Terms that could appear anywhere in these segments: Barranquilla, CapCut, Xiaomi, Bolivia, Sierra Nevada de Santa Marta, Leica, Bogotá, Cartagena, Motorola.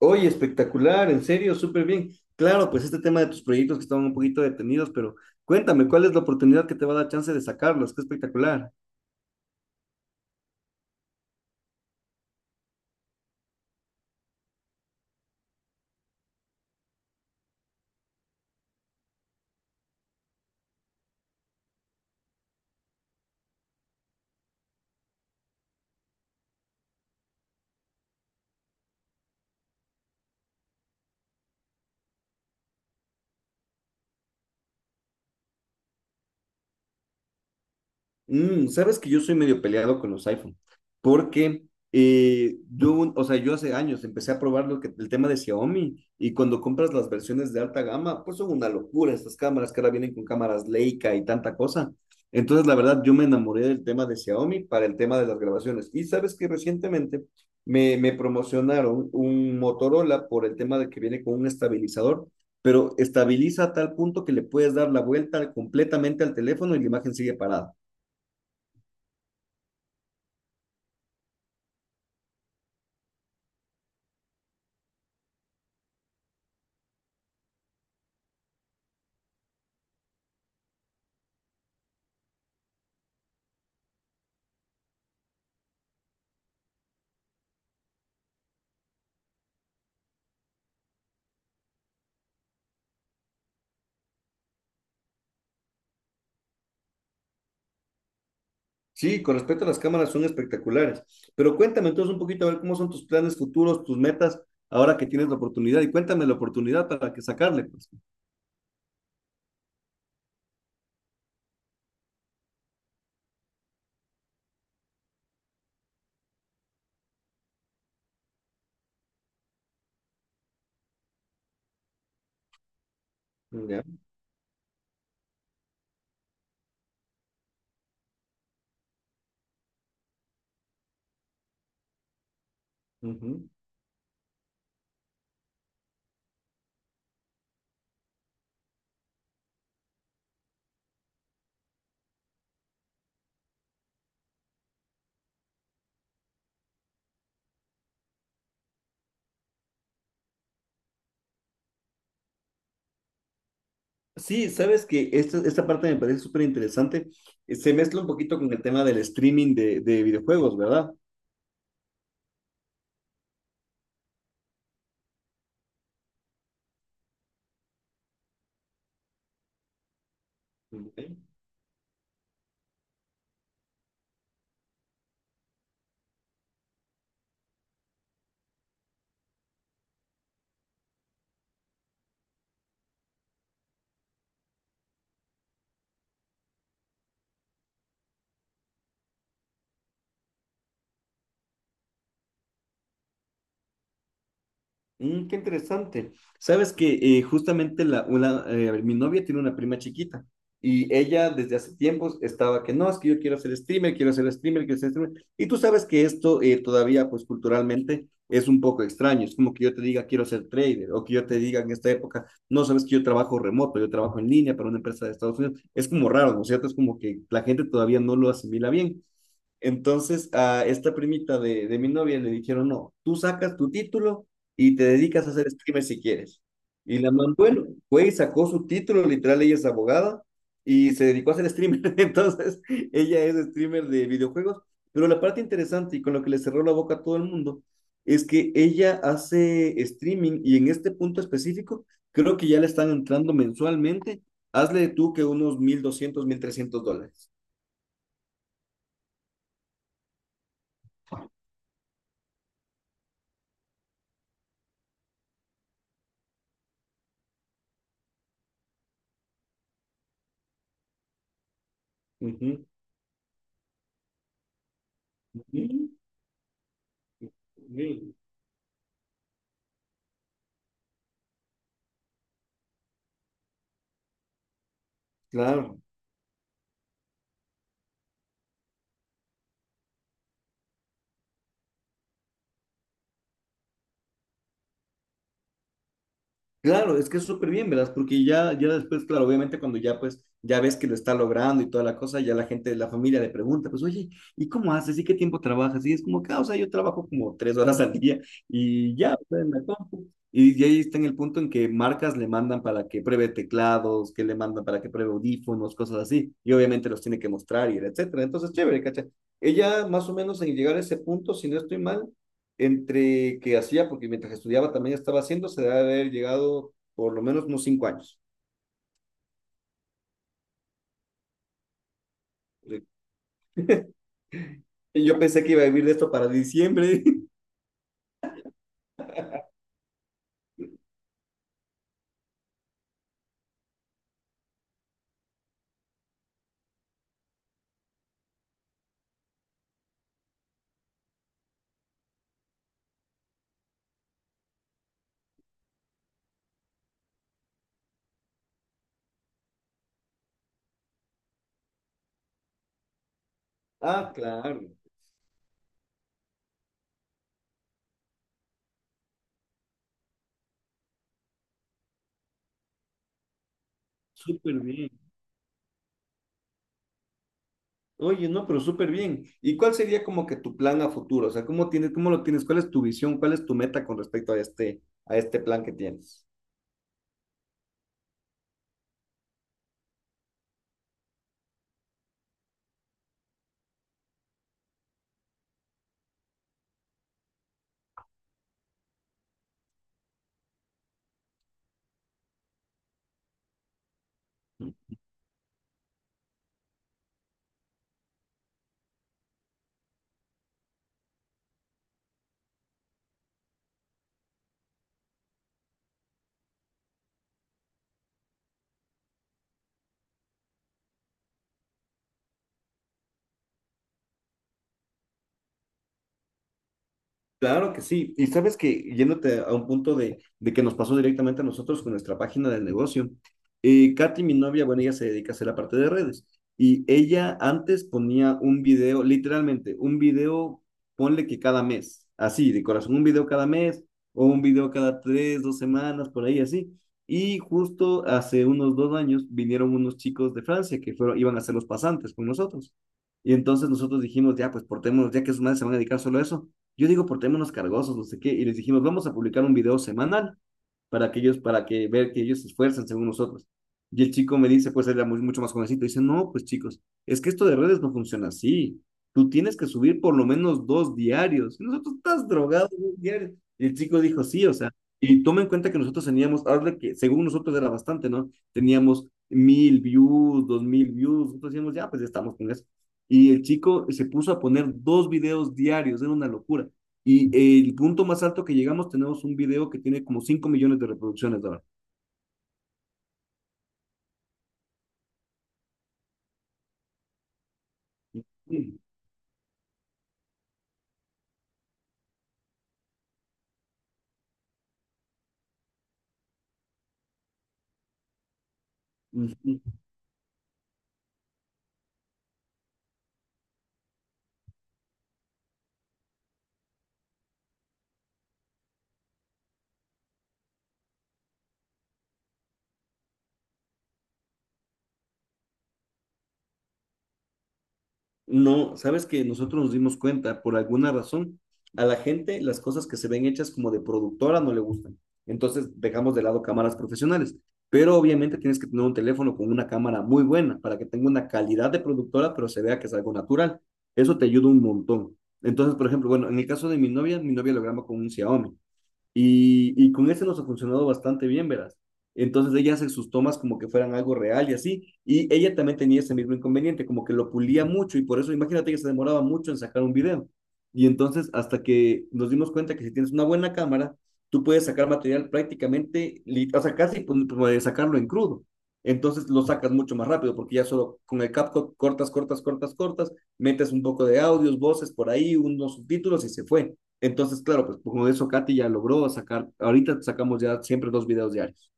Oye, espectacular, en serio, súper bien. Claro, pues este tema de tus proyectos que estaban un poquito detenidos, pero cuéntame, ¿cuál es la oportunidad que te va a dar chance de sacarlos? Qué espectacular. Sabes que yo soy medio peleado con los iPhone, porque o sea, yo hace años empecé a probar lo que, el tema de Xiaomi y cuando compras las versiones de alta gama, pues son una locura estas cámaras que ahora vienen con cámaras Leica y tanta cosa. Entonces, la verdad, yo me enamoré del tema de Xiaomi para el tema de las grabaciones. Y sabes que recientemente me promocionaron un Motorola por el tema de que viene con un estabilizador, pero estabiliza a tal punto que le puedes dar la vuelta completamente al teléfono y la imagen sigue parada. Sí, con respecto a las cámaras son espectaculares. Pero cuéntame entonces un poquito a ver cómo son tus planes futuros, tus metas, ahora que tienes la oportunidad. Y cuéntame la oportunidad para que sacarle, pues. Ya. Ujú. Sí, sabes que esta parte me parece súper interesante. Se mezcla un poquito con el tema del streaming de videojuegos, ¿verdad? Ok. Qué interesante. Sabes que a ver, mi novia tiene una prima chiquita y ella desde hace tiempos estaba que no, es que yo quiero ser streamer, quiero ser streamer, quiero ser streamer. Y tú sabes que esto todavía, pues culturalmente, es un poco extraño. Es como que yo te diga quiero ser trader o que yo te diga en esta época, no sabes que yo trabajo remoto, yo trabajo en línea para una empresa de Estados Unidos. Es como raro, ¿no es cierto? Es como que la gente todavía no lo asimila bien. Entonces a esta primita de mi novia le dijeron, no, tú sacas tu título y te dedicas a hacer streamer si quieres. Y la man, bueno, fue y sacó su título, literal, ella es abogada y se dedicó a ser streamer. Entonces, ella es streamer de videojuegos. Pero la parte interesante y con lo que le cerró la boca a todo el mundo es que ella hace streaming y en este punto específico creo que ya le están entrando mensualmente. Hazle tú que unos mil $1.300. Ujú. Mm. Claro. Claro, es que es súper bien, ¿verdad? Porque ya, ya después, claro, obviamente cuando ya pues ya ves que lo está logrando y toda la cosa, ya la gente, la familia le pregunta, pues oye, ¿y cómo haces? ¿Y qué tiempo trabajas? Y es como que, ah, o sea, yo trabajo como 3 horas al día y ya, o sea, en la compu. Y ahí está en el punto en que marcas le mandan para que pruebe teclados, que le mandan para que pruebe audífonos, cosas así. Y obviamente los tiene que mostrar y etcétera. Entonces, chévere, ¿cachai? Ella más o menos en llegar a ese punto, si no estoy mal, entre que hacía, porque mientras estudiaba también estaba haciendo, se debe haber llegado por lo menos unos 5 años. Yo pensé que iba a vivir de esto para diciembre. Ah, claro, súper bien. Oye, no, pero súper bien. ¿Y cuál sería como que tu plan a futuro? O sea, ¿cómo tienes, cómo lo tienes? ¿Cuál es tu visión? ¿Cuál es tu meta con respecto a este plan que tienes? Claro que sí. Y sabes que yéndote a un punto de que nos pasó directamente a nosotros con nuestra página del negocio, Katy, mi novia, bueno, ella se dedica a hacer la parte de redes. Y ella antes ponía un video, literalmente, un video, ponle que cada mes, así, de corazón, un video cada mes o un video cada tres, dos semanas, por ahí así. Y justo hace unos 2 años vinieron unos chicos de Francia que fueron, iban a ser los pasantes con nosotros. Y entonces nosotros dijimos, ya, pues portémonos, ya que sus madres se van a dedicar solo a eso yo digo por temas cargosos, no sé qué, y les dijimos, vamos a publicar un video semanal para que ellos, para que ver que ellos se esfuerzan según nosotros. Y el chico me dice, pues él era mucho más jovencito, y dice, no, pues chicos, es que esto de redes no funciona así. Tú tienes que subir por lo menos dos diarios. Y nosotros estás drogado, dos diarios. Y el chico dijo, sí, o sea, y toma en cuenta que nosotros teníamos, ahora que según nosotros era bastante, ¿no? Teníamos mil views, 2.000 views, nosotros decíamos, ya, pues ya estamos con eso. Y el chico se puso a poner dos videos diarios, era una locura. Y el punto más alto que llegamos, tenemos un video que tiene como 5 millones de reproducciones ahora. No, sabes que nosotros nos dimos cuenta, por alguna razón, a la gente las cosas que se ven hechas como de productora no le gustan. Entonces dejamos de lado cámaras profesionales. Pero obviamente tienes que tener un teléfono con una cámara muy buena para que tenga una calidad de productora, pero se vea que es algo natural. Eso te ayuda un montón. Entonces, por ejemplo, bueno, en el caso de mi novia lo graba con un Xiaomi. Y con ese nos ha funcionado bastante bien, verás. Entonces ella hace sus tomas como que fueran algo real y así. Y ella también tenía ese mismo inconveniente, como que lo pulía mucho y por eso imagínate que se demoraba mucho en sacar un video. Y entonces hasta que nos dimos cuenta que si tienes una buena cámara, tú puedes sacar material prácticamente, o sea, casi pues, puedes sacarlo en crudo. Entonces lo sacas mucho más rápido porque ya solo con el CapCut cortas, cortas, cortas, cortas, metes un poco de audios, voces por ahí, unos subtítulos y se fue. Entonces, claro, pues como eso Katy ya logró sacar, ahorita sacamos ya siempre dos videos diarios.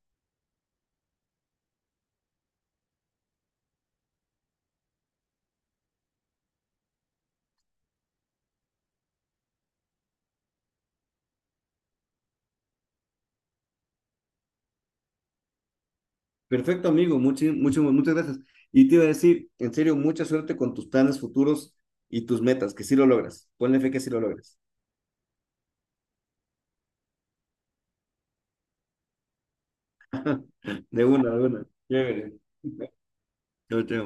Perfecto, amigo, muchas, muchas, muchas gracias. Y te iba a decir, en serio, mucha suerte con tus planes futuros y tus metas, que sí lo logras. Ponle fe que sí lo logras. De una, de una. Chévere. Chao, chao.